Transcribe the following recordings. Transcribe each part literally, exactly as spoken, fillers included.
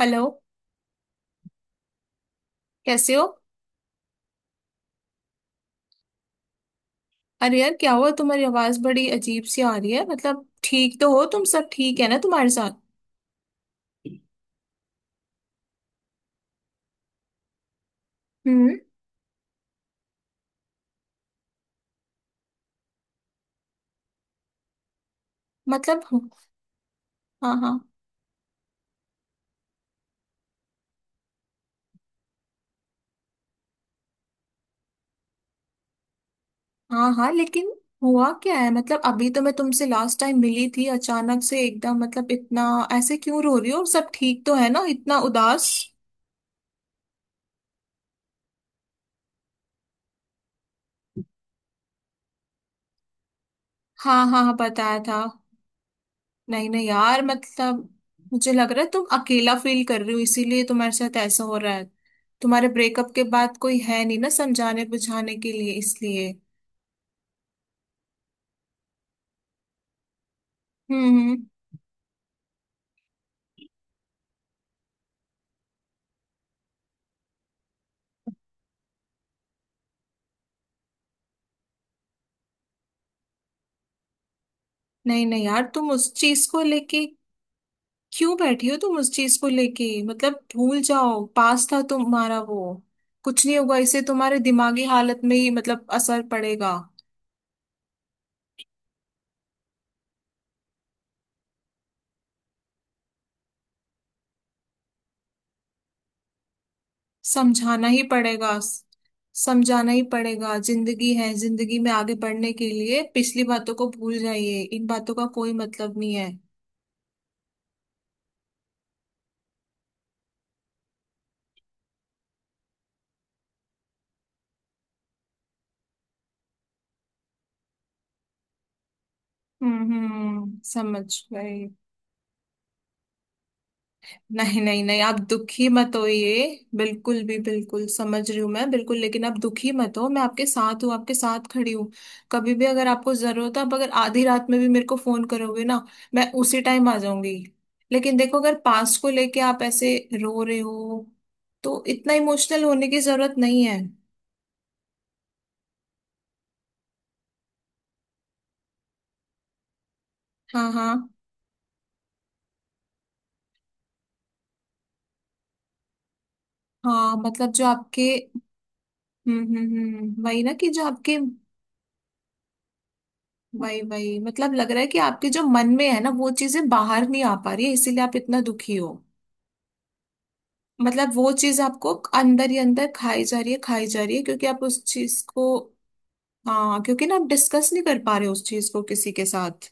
Hello. कैसे हो? अरे यार क्या हुआ, तुम्हारी आवाज बड़ी अजीब सी आ रही है। मतलब ठीक तो हो तुम? सब ठीक है ना तुम्हारे साथ? हम्म। मतलब? हाँ हाँ। हाँ हाँ लेकिन हुआ क्या है? मतलब अभी तो मैं तुमसे लास्ट टाइम मिली थी, अचानक से एकदम मतलब इतना ऐसे क्यों रो रही हो? सब ठीक तो है ना? इतना उदास! हाँ हाँ हाँ, बताया था। नहीं नहीं यार, मतलब मुझे लग रहा है तुम अकेला फील कर रही हो, इसीलिए तुम्हारे साथ ऐसा हो रहा है। तुम्हारे ब्रेकअप के बाद कोई है नहीं ना समझाने बुझाने के लिए, इसलिए। हम्म हम्म। नहीं नहीं यार, तुम उस चीज को लेके क्यों बैठी हो? तुम उस चीज को लेके मतलब भूल जाओ, पास था तुम्हारा वो। कुछ नहीं होगा, इससे तुम्हारे दिमागी हालत में ही मतलब असर पड़ेगा। समझाना ही पड़ेगा। समझाना ही पड़ेगा, जिंदगी है, जिंदगी में आगे बढ़ने के लिए पिछली बातों को भूल जाइए। इन बातों का कोई मतलब नहीं है। हम्म हम्म, समझ गई। नहीं नहीं नहीं आप दुखी मत हो, ये बिल्कुल भी, बिल्कुल समझ रही हूँ मैं, बिल्कुल। लेकिन आप दुखी मत हो, मैं आपके साथ हूँ, आपके साथ खड़ी हूँ। कभी भी अगर आपको जरूरत है, आप अगर आधी रात में भी मेरे को फोन करोगे ना, मैं उसी टाइम आ जाऊंगी। लेकिन देखो, अगर पास को लेके आप ऐसे रो रहे हो, तो इतना इमोशनल होने की जरूरत नहीं है। हाँ हाँ हाँ मतलब जो आपके, हम्म हम्म हम्म, वही ना कि जो आपके, वही वही मतलब लग रहा है कि आपके जो मन में है ना वो चीजें बाहर नहीं आ पा रही है, इसीलिए आप इतना दुखी हो। मतलब वो चीज आपको अंदर ही अंदर खाई जा रही है, खाई जा रही है क्योंकि आप उस चीज को। हाँ, क्योंकि ना आप डिस्कस नहीं कर पा रहे उस चीज को किसी के साथ।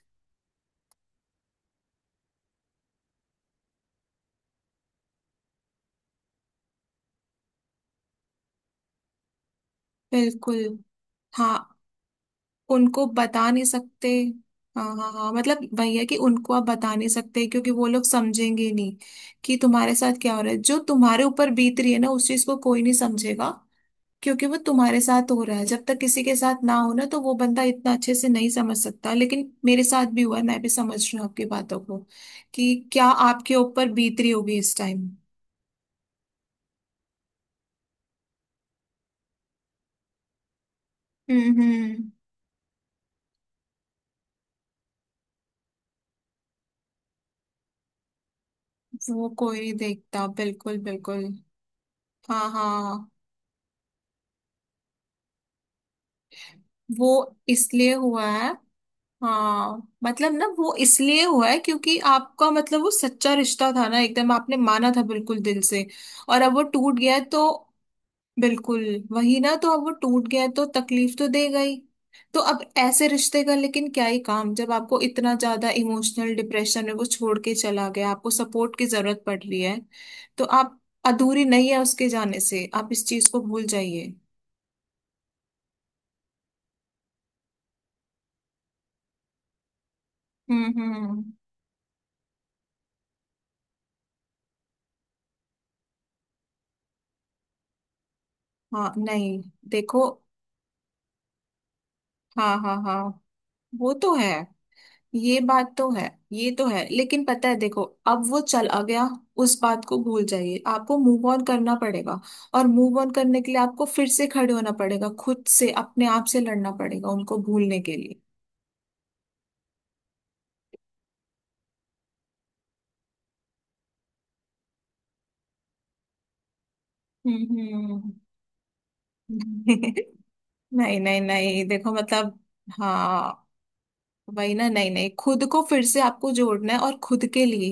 बिल्कुल। हाँ, उनको बता नहीं सकते। हाँ हाँ हाँ, मतलब वही है कि उनको आप बता नहीं सकते क्योंकि वो लोग समझेंगे नहीं कि तुम्हारे साथ क्या हो रहा है। जो तुम्हारे ऊपर बीत रही है ना, उस चीज को कोई नहीं समझेगा क्योंकि वो तुम्हारे साथ हो रहा है। जब तक किसी के साथ ना हो ना, तो वो बंदा इतना अच्छे से नहीं समझ सकता। लेकिन मेरे साथ भी हुआ है, मैं भी समझ रही हूँ आपकी बातों को कि क्या आपके ऊपर बीत रही होगी इस टाइम। हम्म हम्म। वो कोई नहीं देखता, बिल्कुल बिल्कुल। हाँ हाँ, वो इसलिए हुआ है। हाँ मतलब ना वो इसलिए हुआ है क्योंकि आपका मतलब वो सच्चा रिश्ता था ना, एकदम आपने माना था बिल्कुल दिल से। और अब वो टूट गया है, तो बिल्कुल। वही ना, तो अब वो टूट गया है, तो तकलीफ तो देगा ही। तो अब ऐसे रिश्ते का लेकिन क्या ही काम, जब आपको इतना ज्यादा इमोशनल डिप्रेशन में वो छोड़ के चला गया, आपको सपोर्ट की जरूरत पड़ रही है। तो आप अधूरी नहीं है उसके जाने से, आप इस चीज को भूल जाइए। हम्म हम्म। हाँ नहीं, देखो। हाँ हाँ हाँ, वो तो है। ये बात तो है। ये तो है, लेकिन पता है, देखो अब वो चला गया, उस बात को भूल जाइए, आपको मूव ऑन करना पड़ेगा। और मूव ऑन करने के लिए आपको फिर से खड़े होना पड़ेगा, खुद से, अपने आप से लड़ना पड़ेगा उनको भूलने के लिए। हम्म हम्म। नहीं नहीं नहीं देखो, मतलब हाँ, वही ना। नहीं नहीं, खुद को फिर से आपको जोड़ना है, और खुद के लिए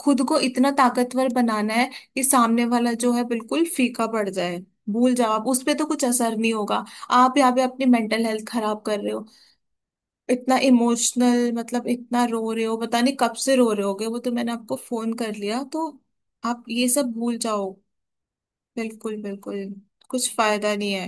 खुद को इतना ताकतवर बनाना है कि सामने वाला जो है बिल्कुल फीका पड़ जाए। भूल जाओ आप, उस पे तो कुछ असर नहीं होगा। आप यहाँ पे अपनी मेंटल हेल्थ खराब कर रहे हो। इतना इमोशनल, मतलब इतना रो रहे हो, पता नहीं कब से रो रहे होगे, वो तो मैंने आपको फोन कर लिया तो। आप ये सब भूल जाओ। बिल्कुल बिल्कुल, कुछ फायदा नहीं है।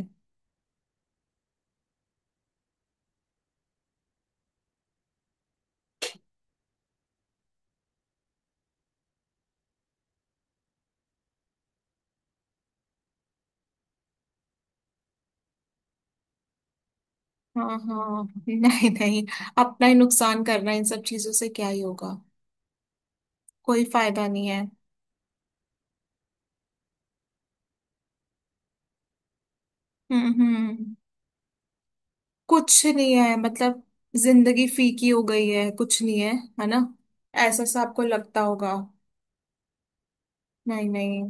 हाँ हाँ नहीं नहीं, अपना ही नुकसान करना, इन सब चीजों से क्या ही होगा? कोई फायदा नहीं है। हम्म हम्म, कुछ नहीं है मतलब। जिंदगी फीकी हो गई है, कुछ नहीं है, है ना? ऐसा सा आपको लगता होगा। नहीं नहीं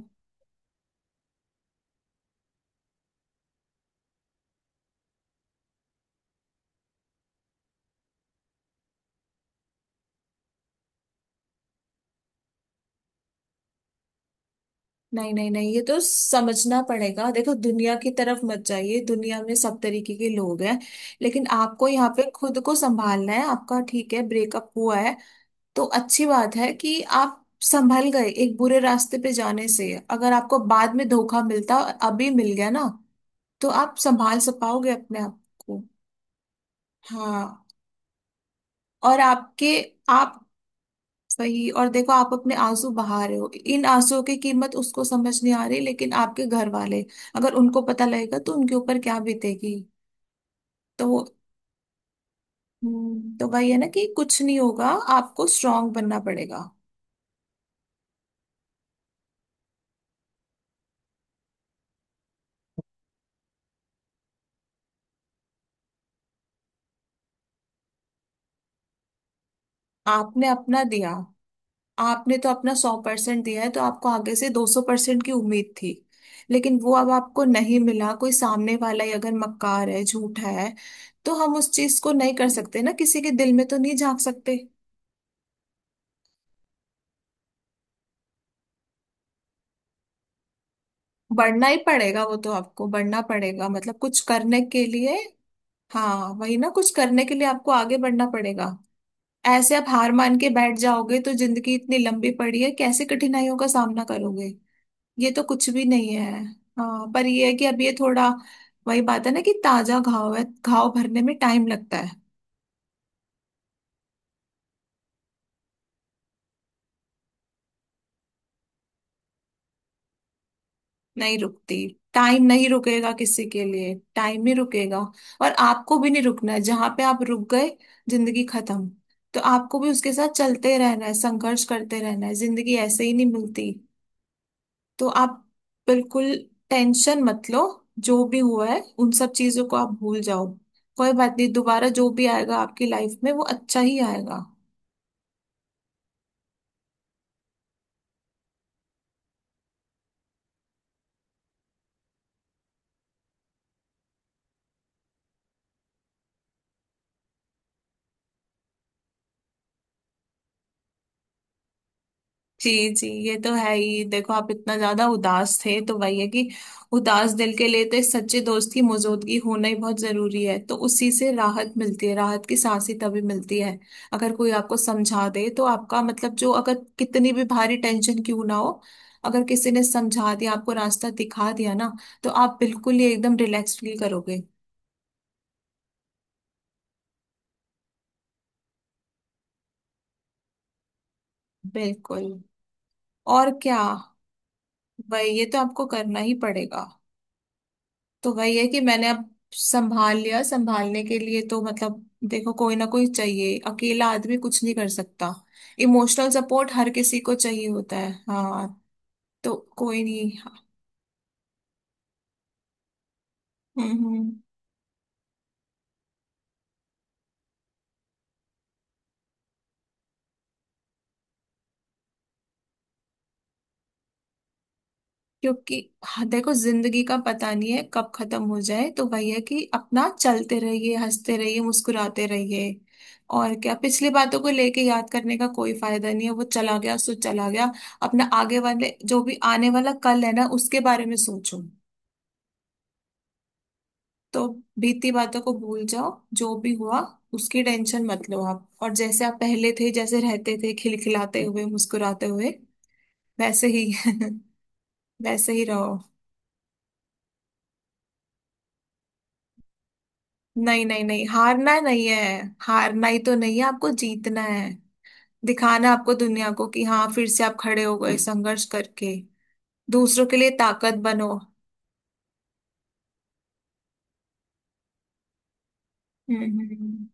नहीं नहीं नहीं ये तो समझना पड़ेगा, देखो दुनिया की तरफ मत जाइए, दुनिया में सब तरीके के लोग हैं। लेकिन आपको यहाँ पे खुद को संभालना है। आपका ठीक है, ब्रेकअप हुआ है तो अच्छी बात है कि आप संभल गए, एक बुरे रास्ते पे जाने से। अगर आपको बाद में धोखा मिलता, अभी मिल गया ना, तो आप संभाल सक पाओगे अपने आप को। हाँ, और आपके आप वही। और देखो, आप अपने आंसू बहा रहे हो, इन आंसुओं की कीमत उसको समझ नहीं आ रही, लेकिन आपके घर वाले अगर उनको पता लगेगा तो उनके ऊपर क्या बीतेगी? तो हम्म, तो वही है ना कि कुछ नहीं होगा, आपको स्ट्रांग बनना पड़ेगा। आपने अपना दिया, आपने तो अपना सौ परसेंट दिया है, तो आपको आगे से दो सौ परसेंट की उम्मीद थी। लेकिन वो अब आपको नहीं मिला, कोई सामने वाला ही अगर मक्कार है, झूठा है, तो हम उस चीज को नहीं कर सकते ना, किसी के दिल में तो नहीं झांक सकते। बढ़ना ही पड़ेगा, वो तो आपको बढ़ना पड़ेगा मतलब कुछ करने के लिए। हाँ वही ना, कुछ करने के लिए आपको आगे बढ़ना पड़ेगा। ऐसे आप हार मान के बैठ जाओगे, तो जिंदगी इतनी लंबी पड़ी है, कैसे कठिनाइयों का सामना करोगे? ये तो कुछ भी नहीं है। हाँ, पर ये है कि अब ये थोड़ा, वही बात है ना कि ताजा घाव है, घाव भरने में टाइम लगता है। नहीं रुकती। टाइम नहीं रुकेगा किसी के लिए, टाइम ही रुकेगा। और आपको भी नहीं रुकना है, जहां पे आप रुक गए, जिंदगी खत्म। तो आपको भी उसके साथ चलते रहना है, संघर्ष करते रहना है, जिंदगी ऐसे ही नहीं मिलती। तो आप बिल्कुल टेंशन मत लो, जो भी हुआ है उन सब चीजों को आप भूल जाओ। कोई बात नहीं, दोबारा जो भी आएगा आपकी लाइफ में वो अच्छा ही आएगा। जी जी, ये तो है ही, देखो आप इतना ज्यादा उदास थे, तो वही है कि उदास दिल के लिए तो एक सच्चे दोस्त की मौजूदगी होना ही बहुत जरूरी है। तो उसी से राहत मिलती है, राहत की सांस ही तभी मिलती है, अगर कोई आपको समझा दे, तो आपका मतलब जो, अगर कितनी भी भारी टेंशन क्यों ना हो, अगर किसी ने समझा दिया आपको, रास्ता दिखा दिया ना, तो आप बिल्कुल ही एकदम रिलैक्स फील करोगे। बिल्कुल, और क्या। वही, ये तो आपको करना ही पड़ेगा। तो वही है कि मैंने अब संभाल लिया, संभालने के लिए तो मतलब देखो कोई ना कोई चाहिए, अकेला आदमी कुछ नहीं कर सकता। इमोशनल सपोर्ट हर किसी को चाहिए होता है, हाँ। तो कोई नहीं। हम्म हम्म। क्योंकि हाँ, देखो जिंदगी का पता नहीं है कब खत्म हो जाए, तो वही है कि अपना चलते रहिए, हंसते रहिए, मुस्कुराते रहिए। और क्या, पिछली बातों को लेके याद करने का कोई फायदा नहीं है, वो चला गया सो चला गया। अपना आगे वाले जो भी आने वाला कल है ना, उसके बारे में सोचो। तो बीती बातों को भूल जाओ, जो भी हुआ उसकी टेंशन मत लो आप, और जैसे आप पहले थे, जैसे रहते थे खिलखिलाते हुए, मुस्कुराते हुए, वैसे ही वैसे ही रहो। नहीं नहीं नहीं, हारना नहीं है, हारना ही तो नहीं है, आपको जीतना है। दिखाना है आपको दुनिया को कि हाँ, फिर से आप खड़े हो गए संघर्ष करके। दूसरों के लिए ताकत बनो। हम्म हम्म, हम्म।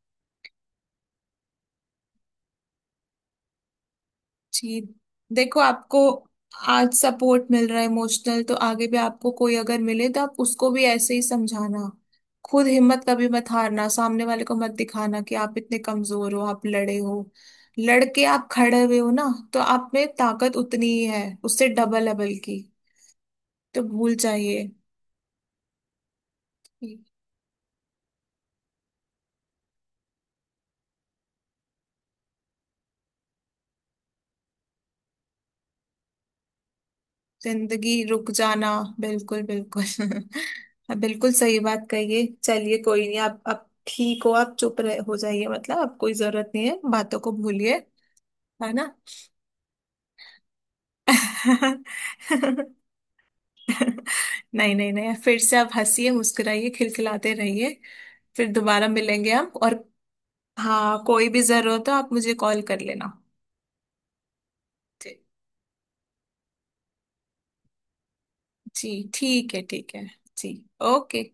जी, देखो आपको आज सपोर्ट मिल रहा है इमोशनल, तो आगे भी आपको कोई अगर मिले, तो आप उसको भी ऐसे ही समझाना। खुद हिम्मत कभी मत हारना, सामने वाले को मत दिखाना कि आप इतने कमजोर हो, आप लड़े हो, लड़के आप खड़े हुए हो ना, तो आप में ताकत उतनी ही है, उससे डबल है बल्कि। तो भूल जाइए। जिंदगी रुक जाना, बिल्कुल बिल्कुल हाँ, बिल्कुल सही बात कहिए। चलिए कोई नहीं, आप आप ठीक हो, आप चुप रह हो जाइए, मतलब आप कोई जरूरत नहीं है, बातों को भूलिए, है ना? नहीं नहीं नहीं, फिर से आप हंसिए, मुस्कुराइए, खिलखिलाते रहिए। फिर दोबारा मिलेंगे हम, और हाँ, कोई भी जरूरत हो आप मुझे कॉल कर लेना। जी जी, ठीक है ठीक है। जी, ओके।